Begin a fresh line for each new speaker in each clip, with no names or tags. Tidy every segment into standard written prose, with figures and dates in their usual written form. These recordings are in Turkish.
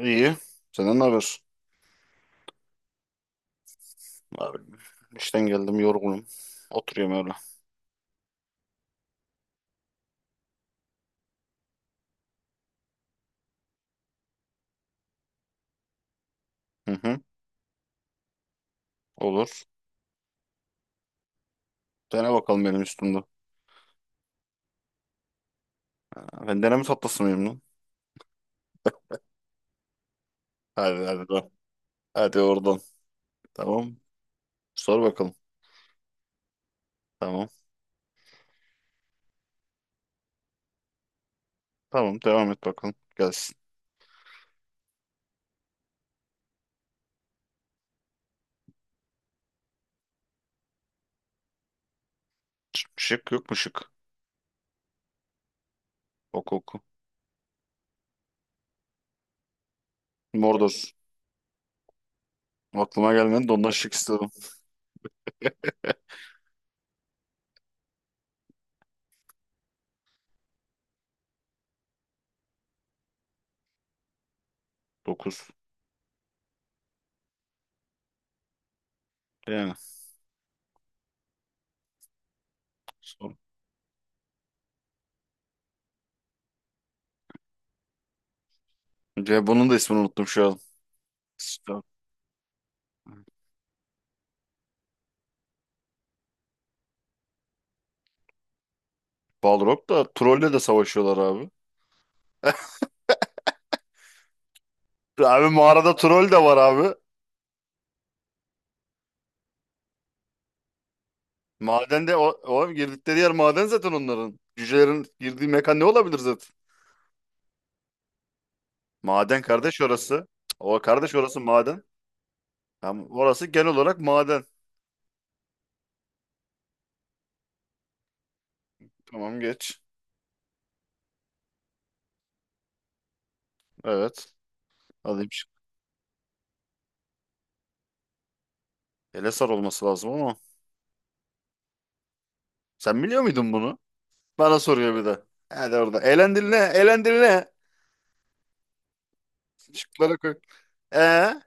İyi. Senden ne haber? Abi, işten geldim yorgunum. Oturuyorum öyle. Hı hı. Olur. Dene bakalım benim üstümde. Ha, ben deneme tatlısı mıyım lan? Hadi hadi lan. Hadi oradan. Tamam. Sor bakalım. Tamam. Tamam devam et bakalım. Gelsin. Şık şık yok mu şık? Oku oku. Mordor. Aklıma gelmedi de ondan şık istedim. 9. Yani. Sor. Ya bunun da ismini unuttum şu an. İşte. Balrog da trolle de savaşıyorlar abi. Abi mağarada troll de var abi. Madende o girdikleri yer maden zaten onların. Cücelerin girdiği mekan ne olabilir zaten? Maden kardeş orası. O kardeş orası maden. Tamam, orası genel olarak maden. Tamam geç. Evet. Alayım şimdi. Elesar olması lazım ama. Sen biliyor muydun bunu? Bana soruyor bir de. Hadi orada. Elendil ne? Elendil ne? Şıklara koy. Ee,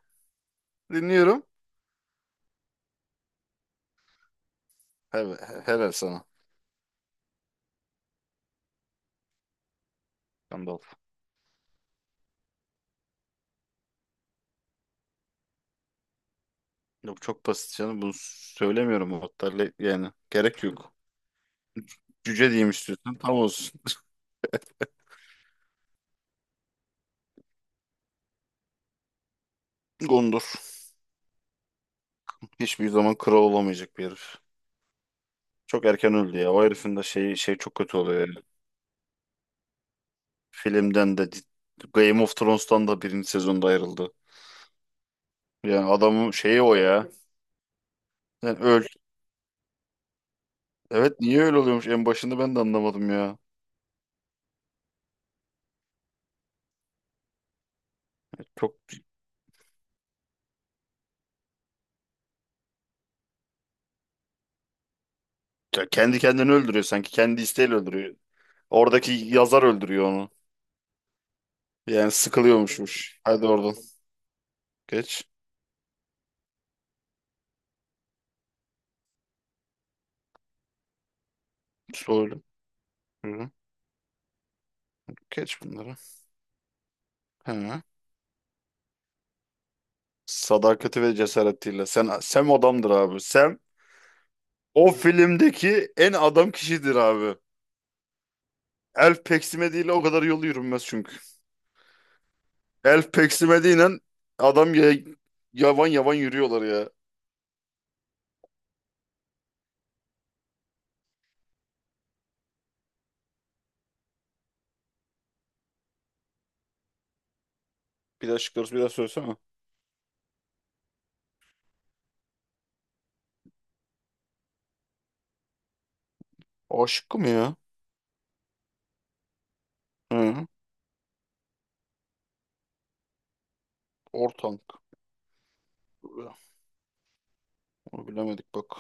Dinliyorum. He, helal sana. Gandalf. Yok çok basit canım. Bunu söylemiyorum hatta. Yani gerek yok. Cüce diyeyim istiyorsan tam olsun. Gondor. Hiçbir zaman kral olamayacak bir herif. Çok erken öldü ya. O herifin de şey çok kötü oluyor yani. Filmden de Game of Thrones'tan da birinci sezonda ayrıldı. Yani adamın şeyi o ya. Yani öl. Evet niye öyle oluyormuş en başında ben de anlamadım ya. Çok ya kendi kendini öldürüyor sanki. Kendi isteğiyle öldürüyor. Oradaki yazar öldürüyor onu. Yani sıkılıyormuşmuş. Hadi oradan. Geç. Söyle. Hı. Geç bunları. He. Sadakati ve cesaretiyle. Sen Sem adamdır abi. Sem O filmdeki en adam kişidir abi. Elf peksime değil o kadar yol yürünmez çünkü. Elf peksime değil lan, adam ya, yavan yavan yürüyorlar ya. Bir daha şıkları bir daha söylesene. A şıkkı mı ya? Hı. Ortank. Onu bilemedik bak.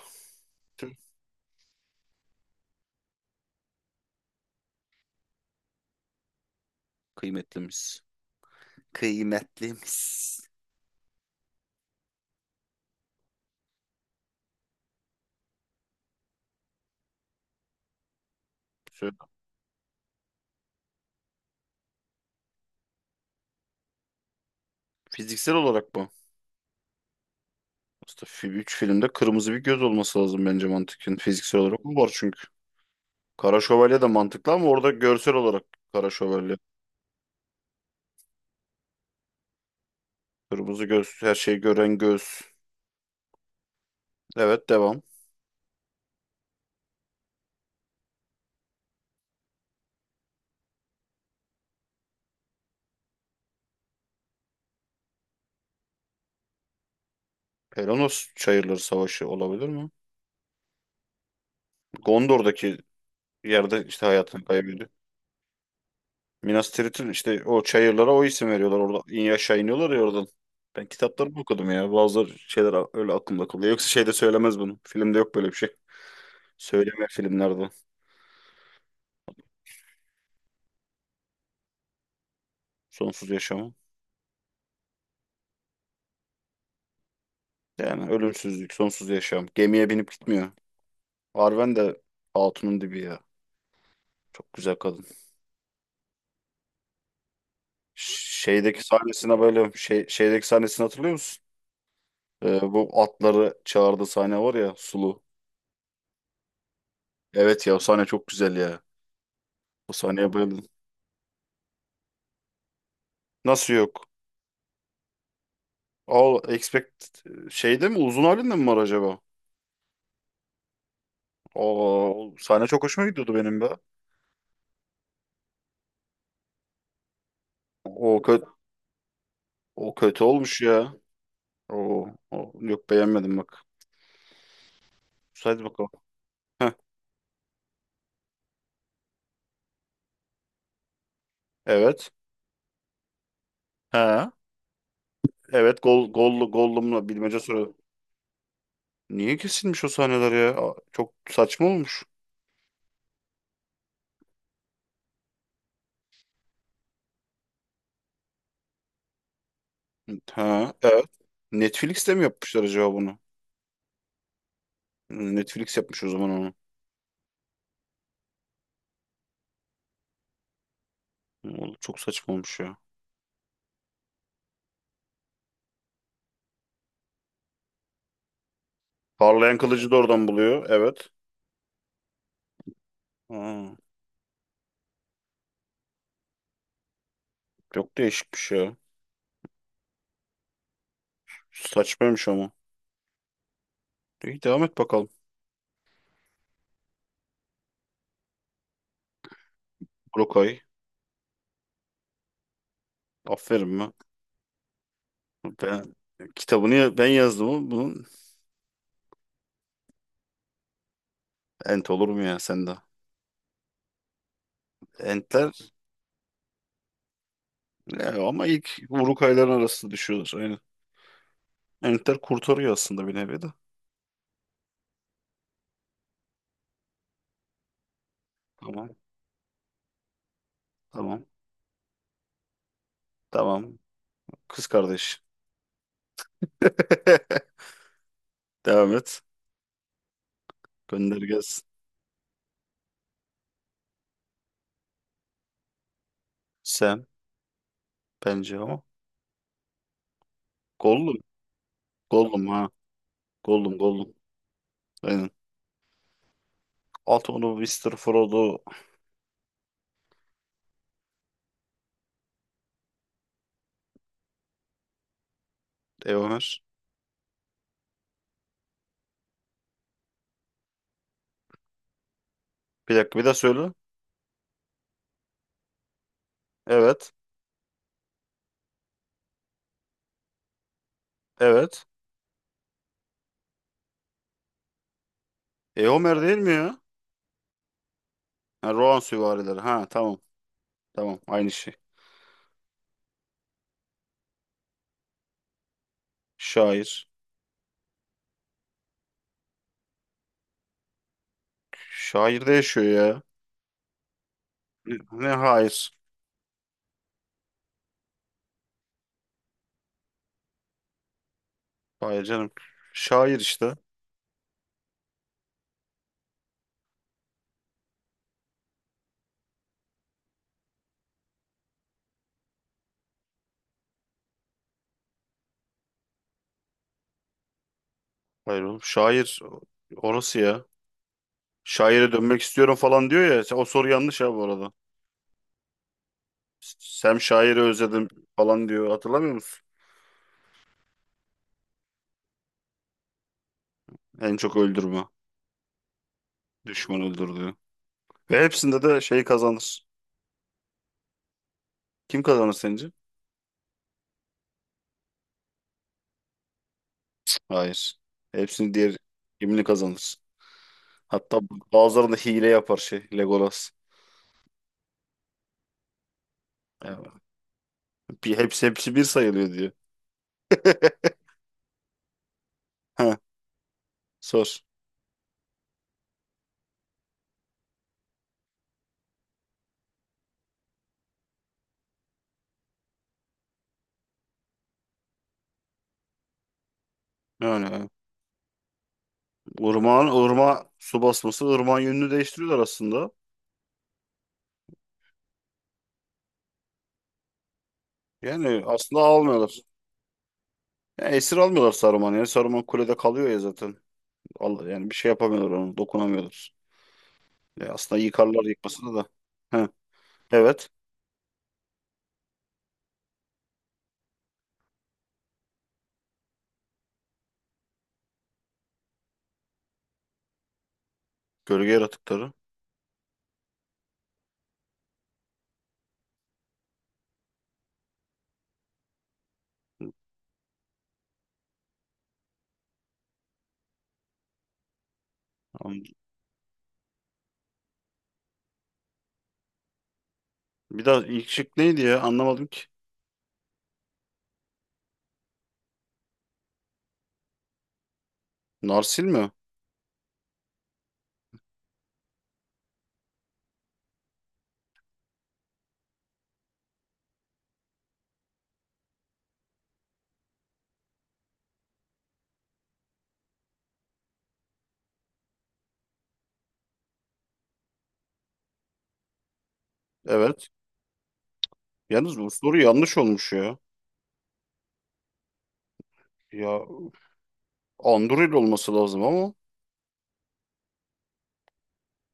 Tüh. Kıymetlimiz. Kıymetlimiz. Söyle. Fiziksel olarak mı? Aslında 3 filmde kırmızı bir göz olması lazım bence mantıken. Fiziksel olarak mı var çünkü. Kara Şövalye de mantıklı ama orada görsel olarak Kara Şövalye kırmızı göz, her şeyi gören göz. Evet devam. Pelonos Çayırları Savaşı olabilir mi? Gondor'daki yerde işte hayatını kaybediyor. Minas Tirith'in işte o çayırlara o isim veriyorlar. Orada in aşağı iniyorlar ya oradan. Ben kitaplarımı okudum ya. Bazı şeyler öyle aklımda kalıyor. Yoksa şeyde söylemez bunu. Filmde yok böyle bir şey. Söyleme filmlerde. Sonsuz yaşamı. Yani ölümsüzlük, sonsuz yaşam. Gemiye binip gitmiyor. Arwen de hatunun dibi ya. Çok güzel kadın. Şeydeki sahnesine böyle şeydeki sahnesini hatırlıyor musun? Bu atları çağırdığı sahne var ya Sulu. Evet ya o sahne çok güzel ya. O sahneye bayıldım. Nasıl yok? All Expect şeyde mi uzun halinde mi var acaba? O, sahne çok hoşuma gidiyordu benim be. O kötü o kötü olmuş ya. O yok beğenmedim bak. Saydı bakalım. Heh, evet. Ha. Evet gollumla bilmece soru. Niye kesilmiş o sahneler ya? Aa, çok saçma olmuş. Ha, evet. Netflix'te mi yapmışlar acaba bunu? Hmm, Netflix yapmış o zaman onu. Hmm, oğlum çok saçma olmuş ya. Parlayan kılıcı da oradan buluyor. Evet. Aa, çok değişikmiş ya. Saçmaymış ama. İyi devam et bakalım. Brokay. Aferin mi? Ben kitabını ben yazdım ama bunun ent olur mu ya sende? Entler ya ama ilk Urukayların arasında düşüyorlar. Aynen. Entler kurtarıyor aslında bir nevi de. Tamam. Tamam. Tamam. Kız kardeş. Devam et. Gönder gelsin. Sam bence ama. Gollum. Gollum ha. Gollum Gollum. Aynen. At onu Mr. Frodo. E Homer. Bir dakika bir daha söyle. Evet. Evet. E Homer değil mi ya? Ha, Rohan süvarileri. Ha tamam. Tamam. Aynı şey. Şair. Şair de yaşıyor ya. Ne ne hayır. Hayır canım. Şair işte. Hayır oğlum. Şair orası ya. Şaire dönmek istiyorum falan diyor ya. O soru yanlış ha bu arada. Sam şairi özledim falan diyor. Hatırlamıyor musun? En çok öldürme. Düşman öldürdüğü. Ve hepsinde de şey kazanır. Kim kazanır sence? Hayır. Hepsini diğer kimini kazanır. Hatta bazılarında hile yapar şey Legolas. Yani bir, hepsi hepsi bir sayılıyor diyor. Ha, sor. Yani ırmağın ırmağa su basması ırmağın yönünü değiştiriyorlar aslında. Yani aslında almıyorlar. Yani esir almıyorlar Saruman'ı. Yani Saruman kulede kalıyor ya zaten. Allah, yani bir şey yapamıyorlar onu. Dokunamıyorlar. Ya aslında yıkarlar yıkmasını da. Ha, evet. Gölge yaratıkları. An- Bir daha ilk şık neydi ya? Anlamadım ki. Narsil mi? Evet. Yalnız bu soru yanlış olmuş ya. Ya Anduril olması lazım ama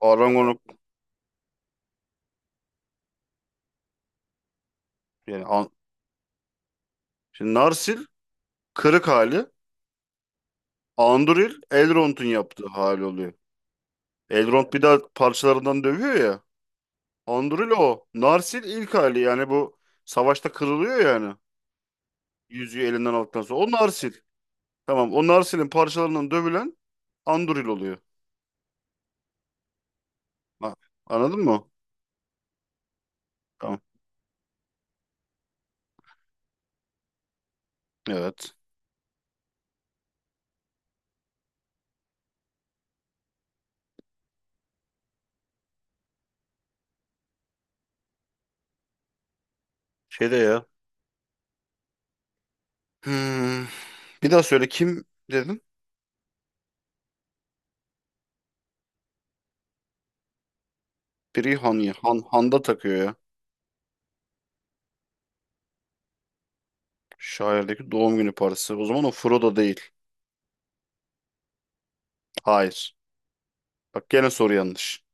Arangonok yani An- Şimdi Narsil kırık hali. Anduril Elrond'un yaptığı hali oluyor. Elrond bir daha parçalarından dövüyor ya. Anduril o. Narsil ilk hali yani bu savaşta kırılıyor yani. Yüzüğü elinden aldıktan sonra. O Narsil. Tamam o Narsil'in parçalarından dövülen Anduril oluyor. Ha, anladın mı? Tamam. Evet. Şeyde ya. Hmm. Bir daha söyle kim dedim? Biri Han ya. Han'da takıyor ya. Şairdeki doğum günü parası. O zaman o Frodo değil. Hayır. Bak gene soru yanlış.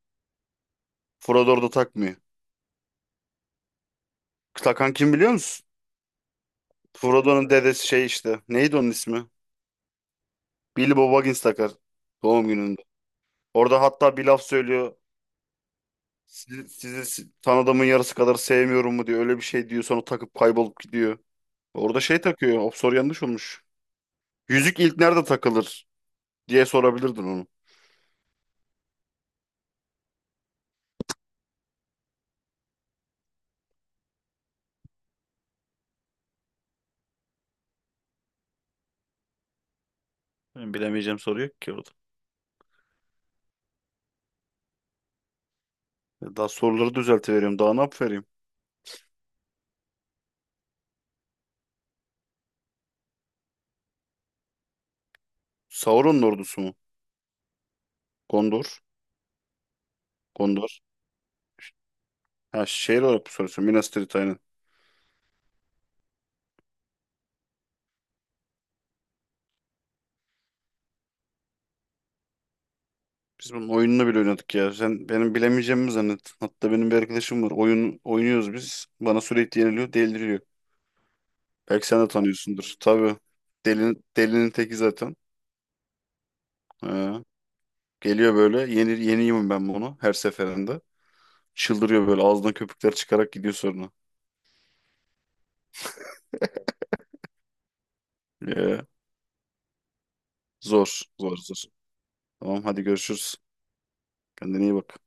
Frodo orada takmıyor. Takan kim biliyor musun? Frodo'nun dedesi şey işte. Neydi onun ismi? Bilbo Baggins takar. Doğum gününde. Orada hatta bir laf söylüyor. Sizi tanıdığımın yarısı kadar sevmiyorum mu diyor. Öyle bir şey diyor. Sonra takıp kaybolup gidiyor. Orada şey takıyor. O soru yanlış olmuş. Yüzük ilk nerede takılır? Diye sorabilirdin onu. Benim bilemeyeceğim soru yok ki orada. Daha soruları düzeltiveriyorum. Daha ne yapıvereyim? Sauron'un ordusu mu? Gondor. Gondor. Ha şehir olarak bu soruyorsun. Minas Tirith aynen. Biz bunun oyununu bile oynadık ya. Sen benim bilemeyeceğimi mi zannet. Hatta benim bir arkadaşım var. Oyun oynuyoruz biz. Bana sürekli yeniliyor, deliriyor. Belki sen de tanıyorsundur. Tabii. Delinin teki zaten. Ha. Geliyor böyle. Yeniyim ben bunu her seferinde. Çıldırıyor böyle ağzından köpükler çıkarak gidiyor sonra. Ya, Zor, zor, zor. Tamam hadi görüşürüz. Kendine iyi bak.